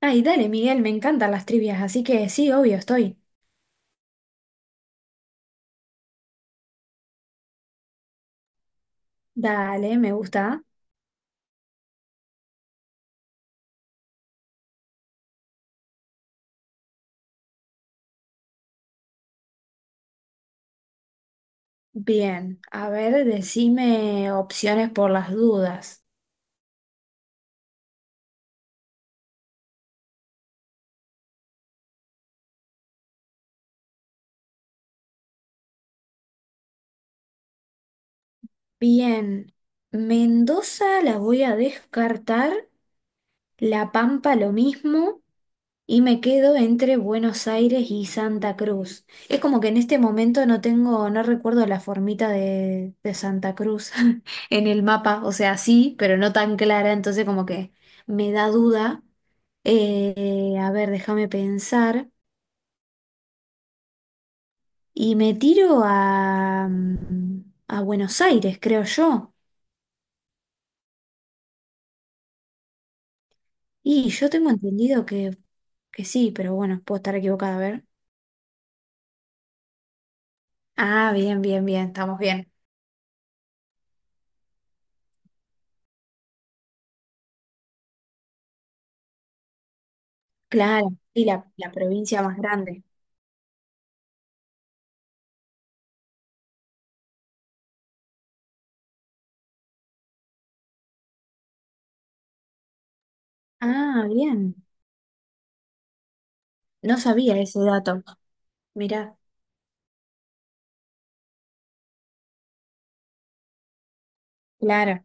Ay, dale, Miguel, me encantan las trivias, así que sí, obvio, estoy. Dale, me gusta. Bien, a ver, decime opciones por las dudas. Bien, Mendoza la voy a descartar, La Pampa lo mismo, y me quedo entre Buenos Aires y Santa Cruz. Es como que en este momento no tengo, no recuerdo la formita de Santa Cruz en el mapa. O sea, sí, pero no tan clara. Entonces como que me da duda. A ver, déjame pensar. Y me tiro a Buenos Aires, creo yo. Y yo tengo entendido que sí, pero bueno, puedo estar equivocada, a ver. Ah, bien, bien, bien, estamos bien. Claro, y la provincia más grande. Ah, bien. No sabía ese dato. Mirá, claro.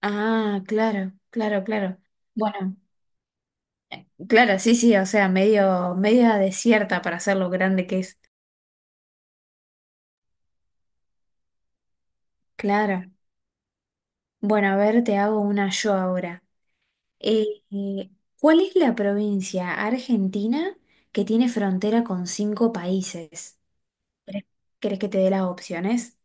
Ah, claro, claro, claro. Bueno, claro, sí, sí, o sea, media desierta para ser lo grande que es. Claro. Bueno, a ver, te hago una yo ahora. Eh, eh, ¿Cuál es la provincia argentina que tiene frontera con cinco países? ¿Querés, querés que te dé las opciones?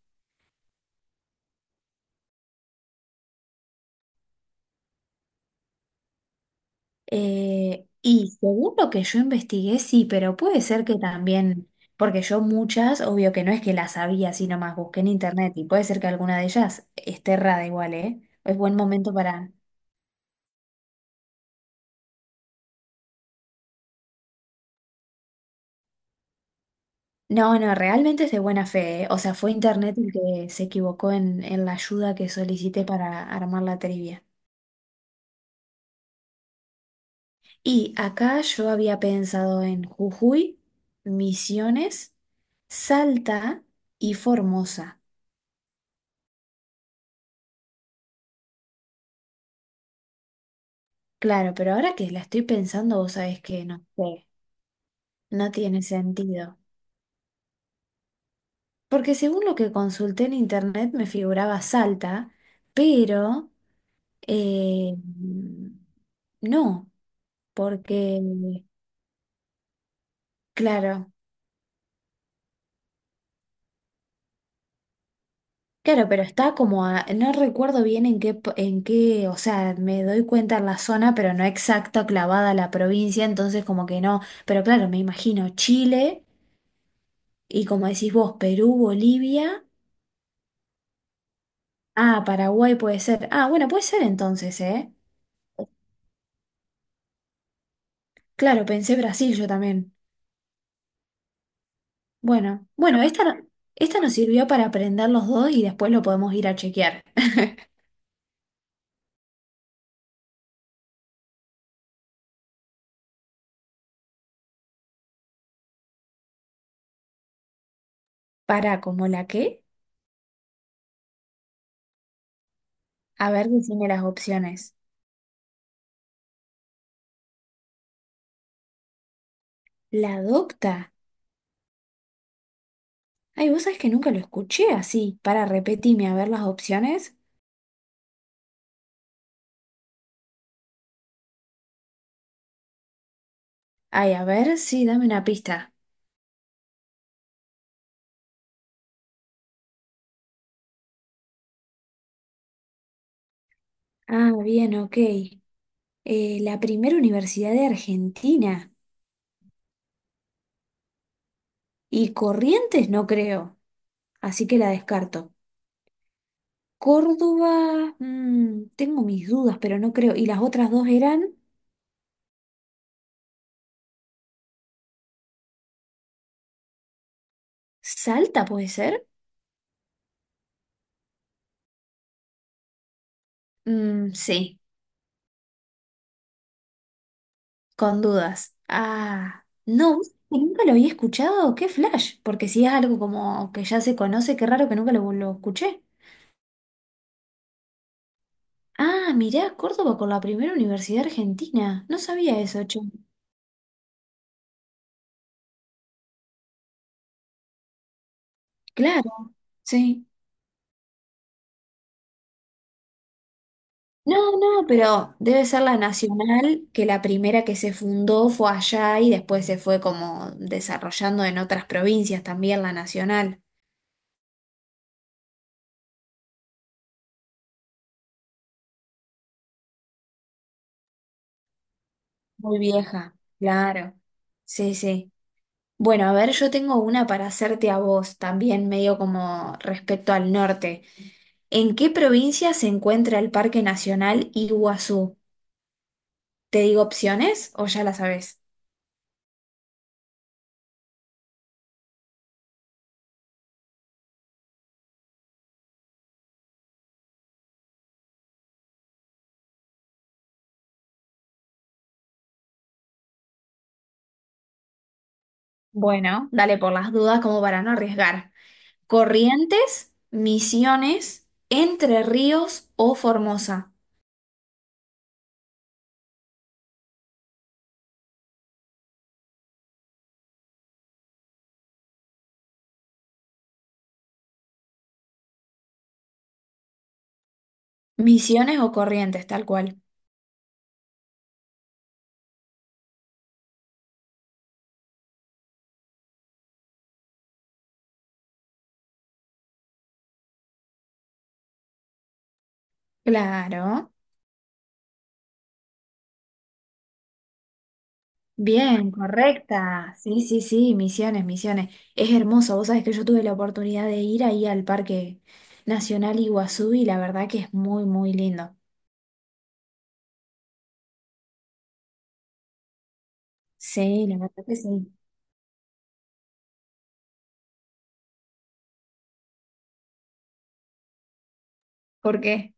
Y según lo que yo investigué, sí, pero puede ser que también, porque yo muchas, obvio que no es que las sabía, sino más busqué en internet y puede ser que alguna de ellas esté errada igual, ¿eh? Es buen momento para... No, no, realmente es de buena fe, ¿eh? O sea, fue internet el que se equivocó en la ayuda que solicité para armar la trivia. Y acá yo había pensado en Jujuy, Misiones, Salta y Formosa. Claro, pero ahora que la estoy pensando, vos sabés que no sé, no tiene sentido. Porque según lo que consulté en internet me figuraba Salta, pero eh, no, porque, claro, claro, pero está como a- no recuerdo bien en qué, po- en qué, o sea, me doy cuenta en la zona, pero no exacta, clavada a la provincia, entonces como que no, pero claro, me imagino Chile y como decís vos, Perú, Bolivia. Ah, Paraguay puede ser. Ah, bueno, puede ser entonces, ¿eh? Claro, pensé Brasil yo también. Bueno, bueno, esta, no- esta nos sirvió para aprender los dos y después lo podemos ir a chequear. Para, ¿como la qué? A ver, decime las opciones. La docta. Ay, vos sabés que nunca lo escuché así. Para, repetime, a ver las opciones. Ay, a ver, sí, dame una pista. Ah, bien, ok. La primera universidad de Argentina. Y Corrientes no creo. Así que la descarto. Córdoba, mm, tengo mis dudas, pero no creo. ¿Y las otras dos eran? ¿Salta puede ser? Mm, sí, con dudas. Ah, no, nunca lo había escuchado. ¡Qué flash! Porque si es algo como que ya se conoce, qué raro que nunca lo escuché. Ah, mirá, Córdoba con la primera universidad argentina. No sabía eso, che. Claro, sí. No, no, pero debe ser la nacional, que la primera que se fundó fue allá y después se fue como desarrollando en otras provincias también la nacional. Muy vieja, claro. Sí, sí. Bueno, a ver, yo tengo una para hacerte a vos también, medio como respecto al norte. ¿En qué provincia se encuentra el Parque Nacional Iguazú? ¿Te digo opciones o ya la sabes? Bueno, dale por las dudas como para no arriesgar. Corrientes, Misiones, Entre Ríos o Formosa. Misiones o Corrientes, tal cual. Claro. Bien, correcta. Sí, sí, sí, Misiones, Misiones. Es hermoso. Vos sabés que yo tuve la oportunidad de ir ahí al Parque Nacional Iguazú y la verdad que es muy, muy lindo. Sí, la verdad que sí. ¿Por qué?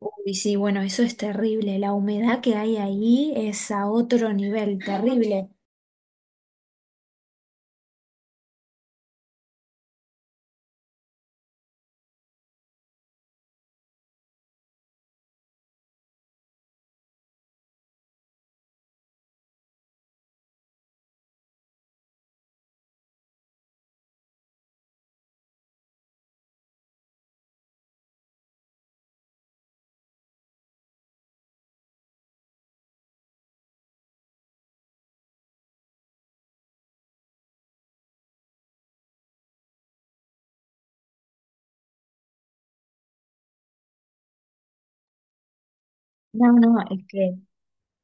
Uy, sí, bueno, eso es terrible. La humedad que hay ahí es a otro nivel, terrible. No, no, es que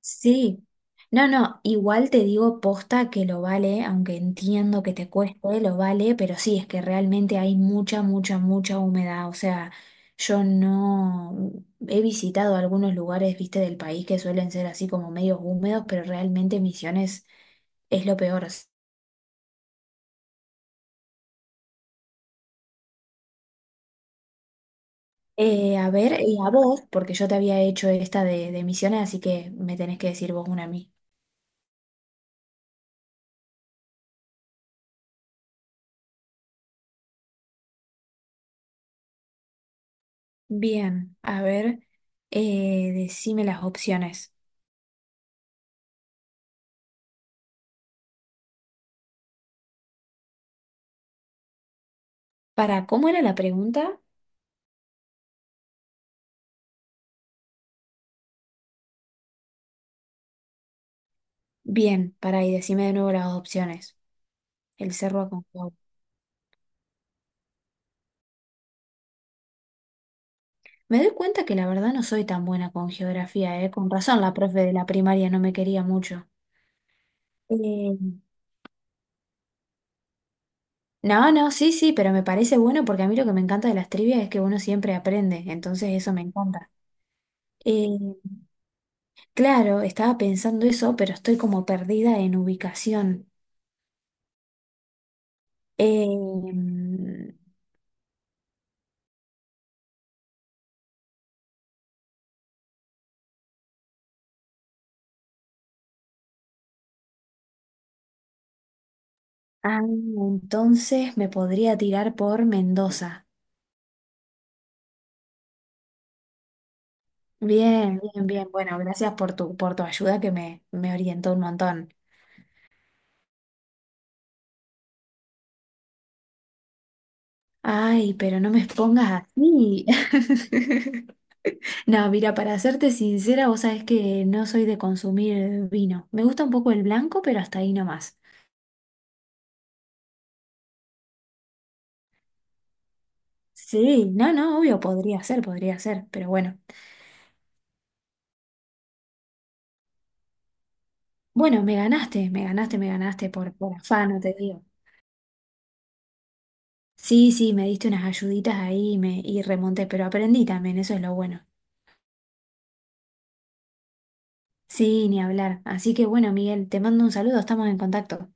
sí, no, no, igual te digo posta que lo vale, aunque entiendo que te cueste, lo vale, pero sí, es que realmente hay mucha, mucha, mucha humedad, o sea, yo no he visitado algunos lugares, viste, del país que suelen ser así como medios húmedos, pero realmente Misiones es lo peor. A ver, y a vos, porque yo te había hecho esta de Misiones, así que me tenés que decir vos una a mí. Bien, a ver, decime las opciones. Para, ¿cómo era la pregunta? Bien, para, y decime de nuevo las opciones. El cerro Aconcagua. Me doy cuenta que la verdad no soy tan buena con geografía, ¿eh? Con razón, la profe de la primaria no me quería mucho. Eh, No, no, sí, sí, pero me parece bueno porque a mí lo que me encanta de las trivias es que uno siempre aprende, entonces eso me encanta. Eh, claro, estaba pensando eso, pero estoy como perdida en ubicación. Eh, mm, ah, entonces me podría tirar por Mendoza. Bien, bien, bien. Bueno, gracias por tu ayuda que me orientó un montón. Ay, pero no me expongas así. No, mira, para serte sincera, vos sabés que no soy de consumir vino. Me gusta un poco el blanco, pero hasta ahí nomás. Sí, no, no, obvio, podría ser, pero bueno. Bueno, me ganaste, me ganaste, me ganaste por afano, te digo. Sí, sí, me diste unas ayuditas ahí y remonté, pero aprendí también, eso es lo bueno. Sí, ni hablar. Así que bueno, Miguel, te mando un saludo, estamos en contacto.